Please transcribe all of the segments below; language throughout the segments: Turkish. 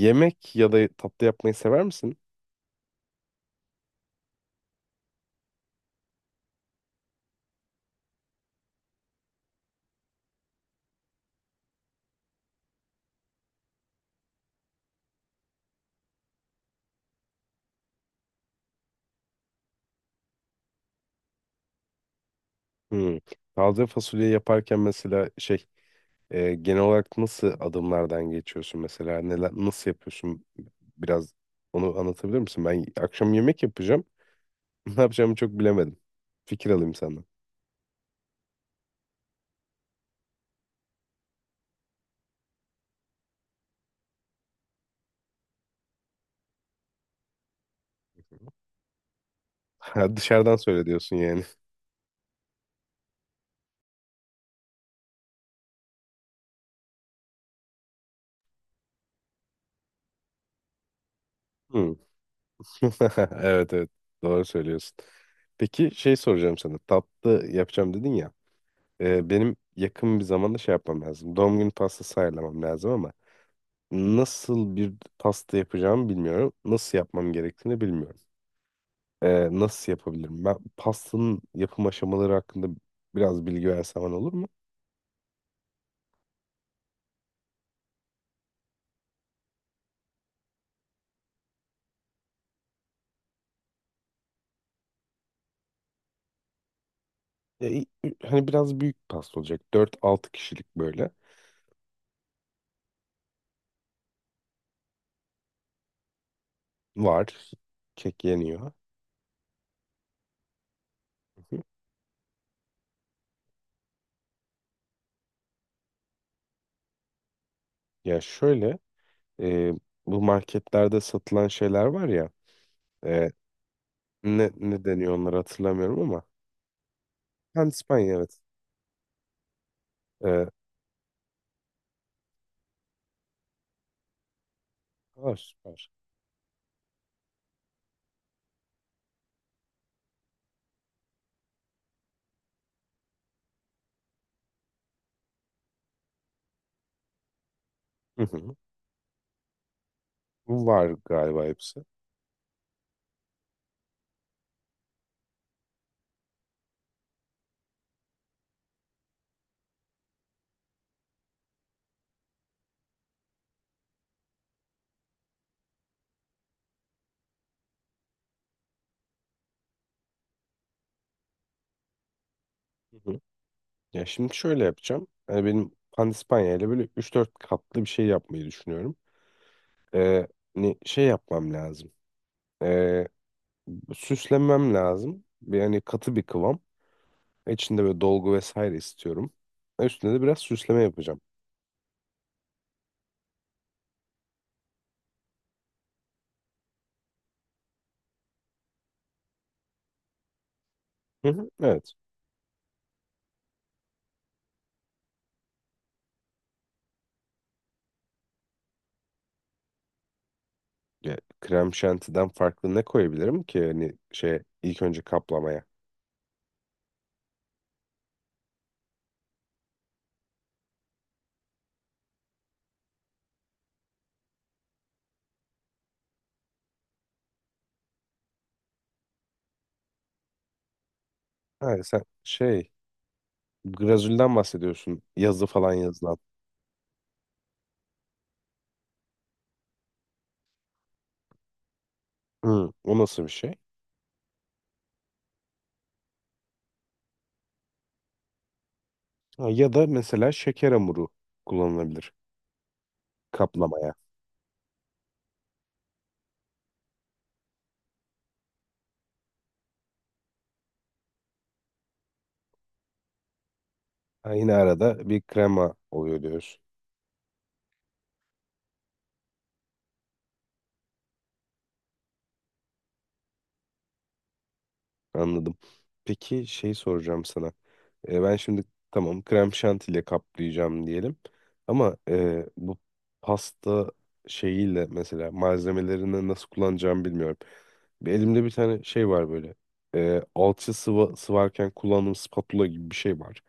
Yemek ya da tatlı yapmayı sever misin? Hmm. Taze fasulye yaparken mesela şey genel olarak nasıl adımlardan geçiyorsun, mesela neler nasıl yapıyorsun biraz onu anlatabilir misin? Ben akşam yemek yapacağım. Ne yapacağımı çok bilemedim. Fikir alayım senden. Ha, dışarıdan söyle diyorsun yani. Hmm. Evet evet, doğru söylüyorsun. Peki şey soracağım sana. Tatlı yapacağım dedin ya. Benim yakın bir zamanda şey yapmam lazım. Doğum günü pastası ayarlamam lazım ama nasıl bir pasta yapacağımı bilmiyorum. Nasıl yapmam gerektiğini bilmiyorum. Nasıl yapabilirim? Ben pastanın yapım aşamaları hakkında biraz bilgi versen bana olur mu? Ya, i- Hani biraz büyük pasta olacak. Dört altı kişilik böyle. Var. Kek yeniyor. Hı hı. Ya şöyle e, bu marketlerde satılan şeyler var ya, e, ne deniyor onları hatırlamıyorum ama pandispanya, evet. E, var, süper. Hı hı. Bu var galiba hepsi. Hı hı. Ya şimdi şöyle yapacağım. Yani benim pandispanya ile böyle üç dört katlı bir şey yapmayı düşünüyorum. E, Hani şey yapmam lazım. E, Süslemem lazım. Yani katı bir kıvam. İçinde böyle dolgu vesaire istiyorum. Üstüne de biraz süsleme yapacağım. Hı hı, evet. Ya, krem şantiden farklı ne koyabilirim ki hani şey ilk önce kaplamaya? Ha, sen şey glazülden bahsediyorsun, yazı falan yazılan. Hı, o nasıl bir şey? Ha, ya da mesela şeker hamuru kullanılabilir kaplamaya. Ha, yine arada bir krema oluyor diyoruz. Anladım. Peki şey soracağım sana. Ben şimdi, tamam, krem şantiyle kaplayacağım diyelim. Ama bu pasta şeyiyle mesela malzemelerini nasıl kullanacağımı bilmiyorum. Bir elimde bir tane şey var böyle. Alçı sıva, sıvarken kullandığım spatula gibi bir şey var.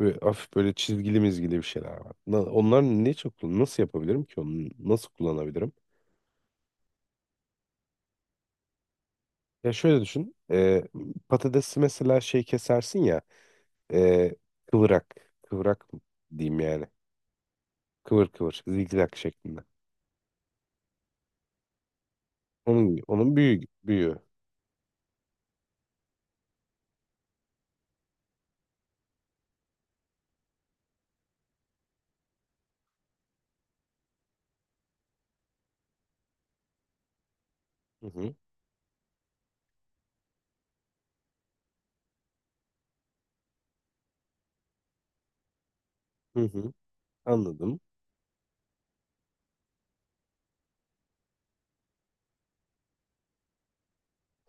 Ve hafif böyle çizgili mizgili bir şeyler var. Onlar ne, çok nasıl yapabilirim ki onu, nasıl kullanabilirim? Ya şöyle düşün. Patatesi mesela şey kesersin ya, e, kıvrak. Kıvrak diyeyim yani. Kıvır kıvır. Zigzag şeklinde. Onun gibi. Onun büyüğü. Büyüğü. Hı hı. Hı hı. Anladım.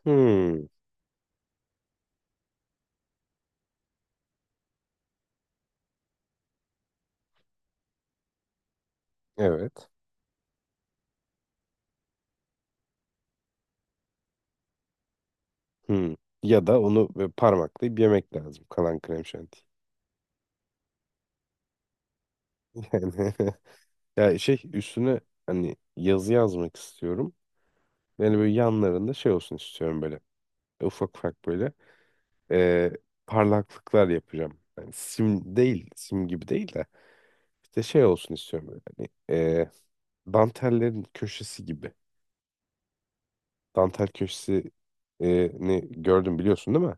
Hmm. Evet. Hmm. Ya da onu böyle parmaklayıp yemek lazım. Kalan krem şanti. Yani ya şey üstüne hani yazı yazmak istiyorum. Yani böyle yanlarında şey olsun istiyorum böyle. Ufak ufak böyle e, parlaklıklar yapacağım. Yani sim değil, sim gibi değil de işte şey olsun istiyorum böyle. Hani e, dantellerin köşesi gibi. Dantel köşesi ne gördüm biliyorsun değil mi?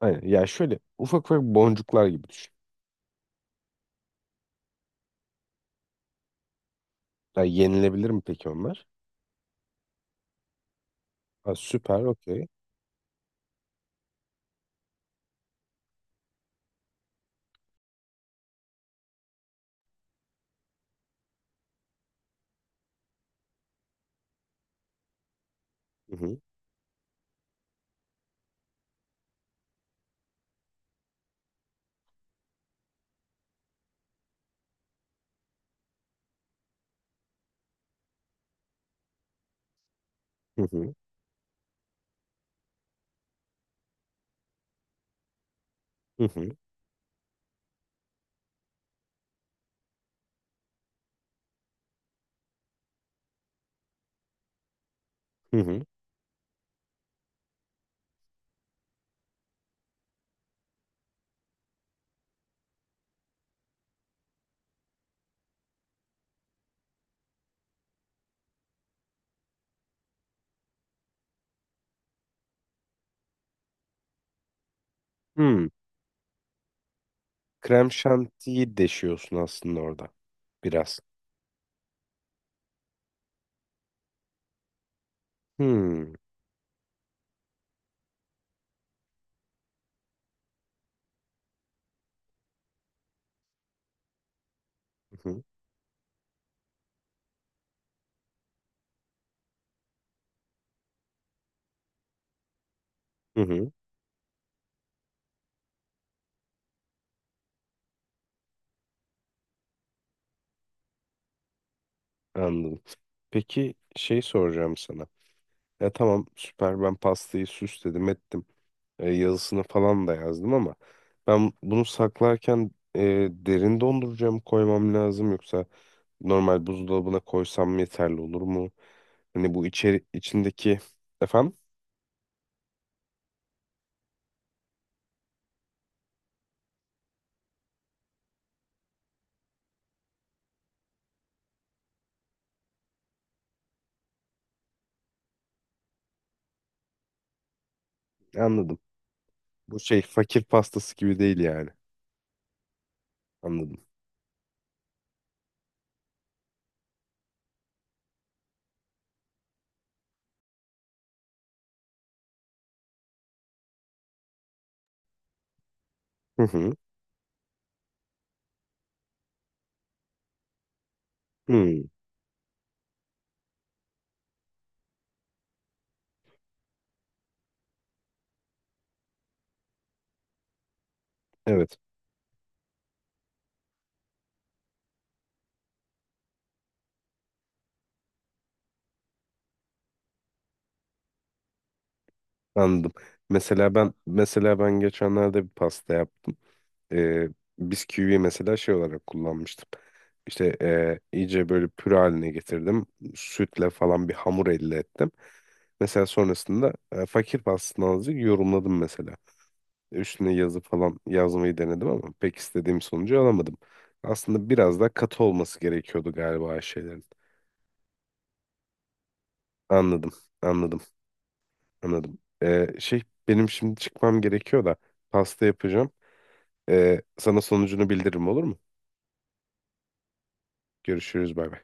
Aynen. Ya şöyle ufak ufak boncuklar gibi düşün. Ya yenilebilir mi peki onlar? Ha, süper, okey. Hı hı, hı hı, hı hı, hı hı. Hmm. Krem şantiyi deşiyorsun aslında orada. Biraz. Hmm. Hı hı, hı hı. Anladım. Peki şey soracağım sana. Ya tamam, süper, ben pastayı süsledim ettim. Yazısını falan da yazdım ama ben bunu saklarken derin dondurucuya mı koymam lazım yoksa normal buzdolabına koysam yeterli olur mu? Hani bu içeri içindeki efendim anladım. Bu şey fakir pastası gibi değil yani. Anladım. Hı hı. Hı. Evet, anladım. Mesela ben, mesela ben geçenlerde bir pasta yaptım. e, Biz kiwiyi mesela şey olarak kullanmıştım. İşte iyice böyle püre haline getirdim. Sütle falan bir hamur elde ettim. Mesela sonrasında fakir pastası azıcık yorumladım mesela. Üstüne yazı falan yazmayı denedim ama pek istediğim sonucu alamadım. Aslında biraz daha katı olması gerekiyordu galiba şeylerin. Anladım, anladım, anladım. Şey benim şimdi çıkmam gerekiyor da pasta yapacağım. Sana sonucunu bildiririm olur mu? Görüşürüz, bay bay.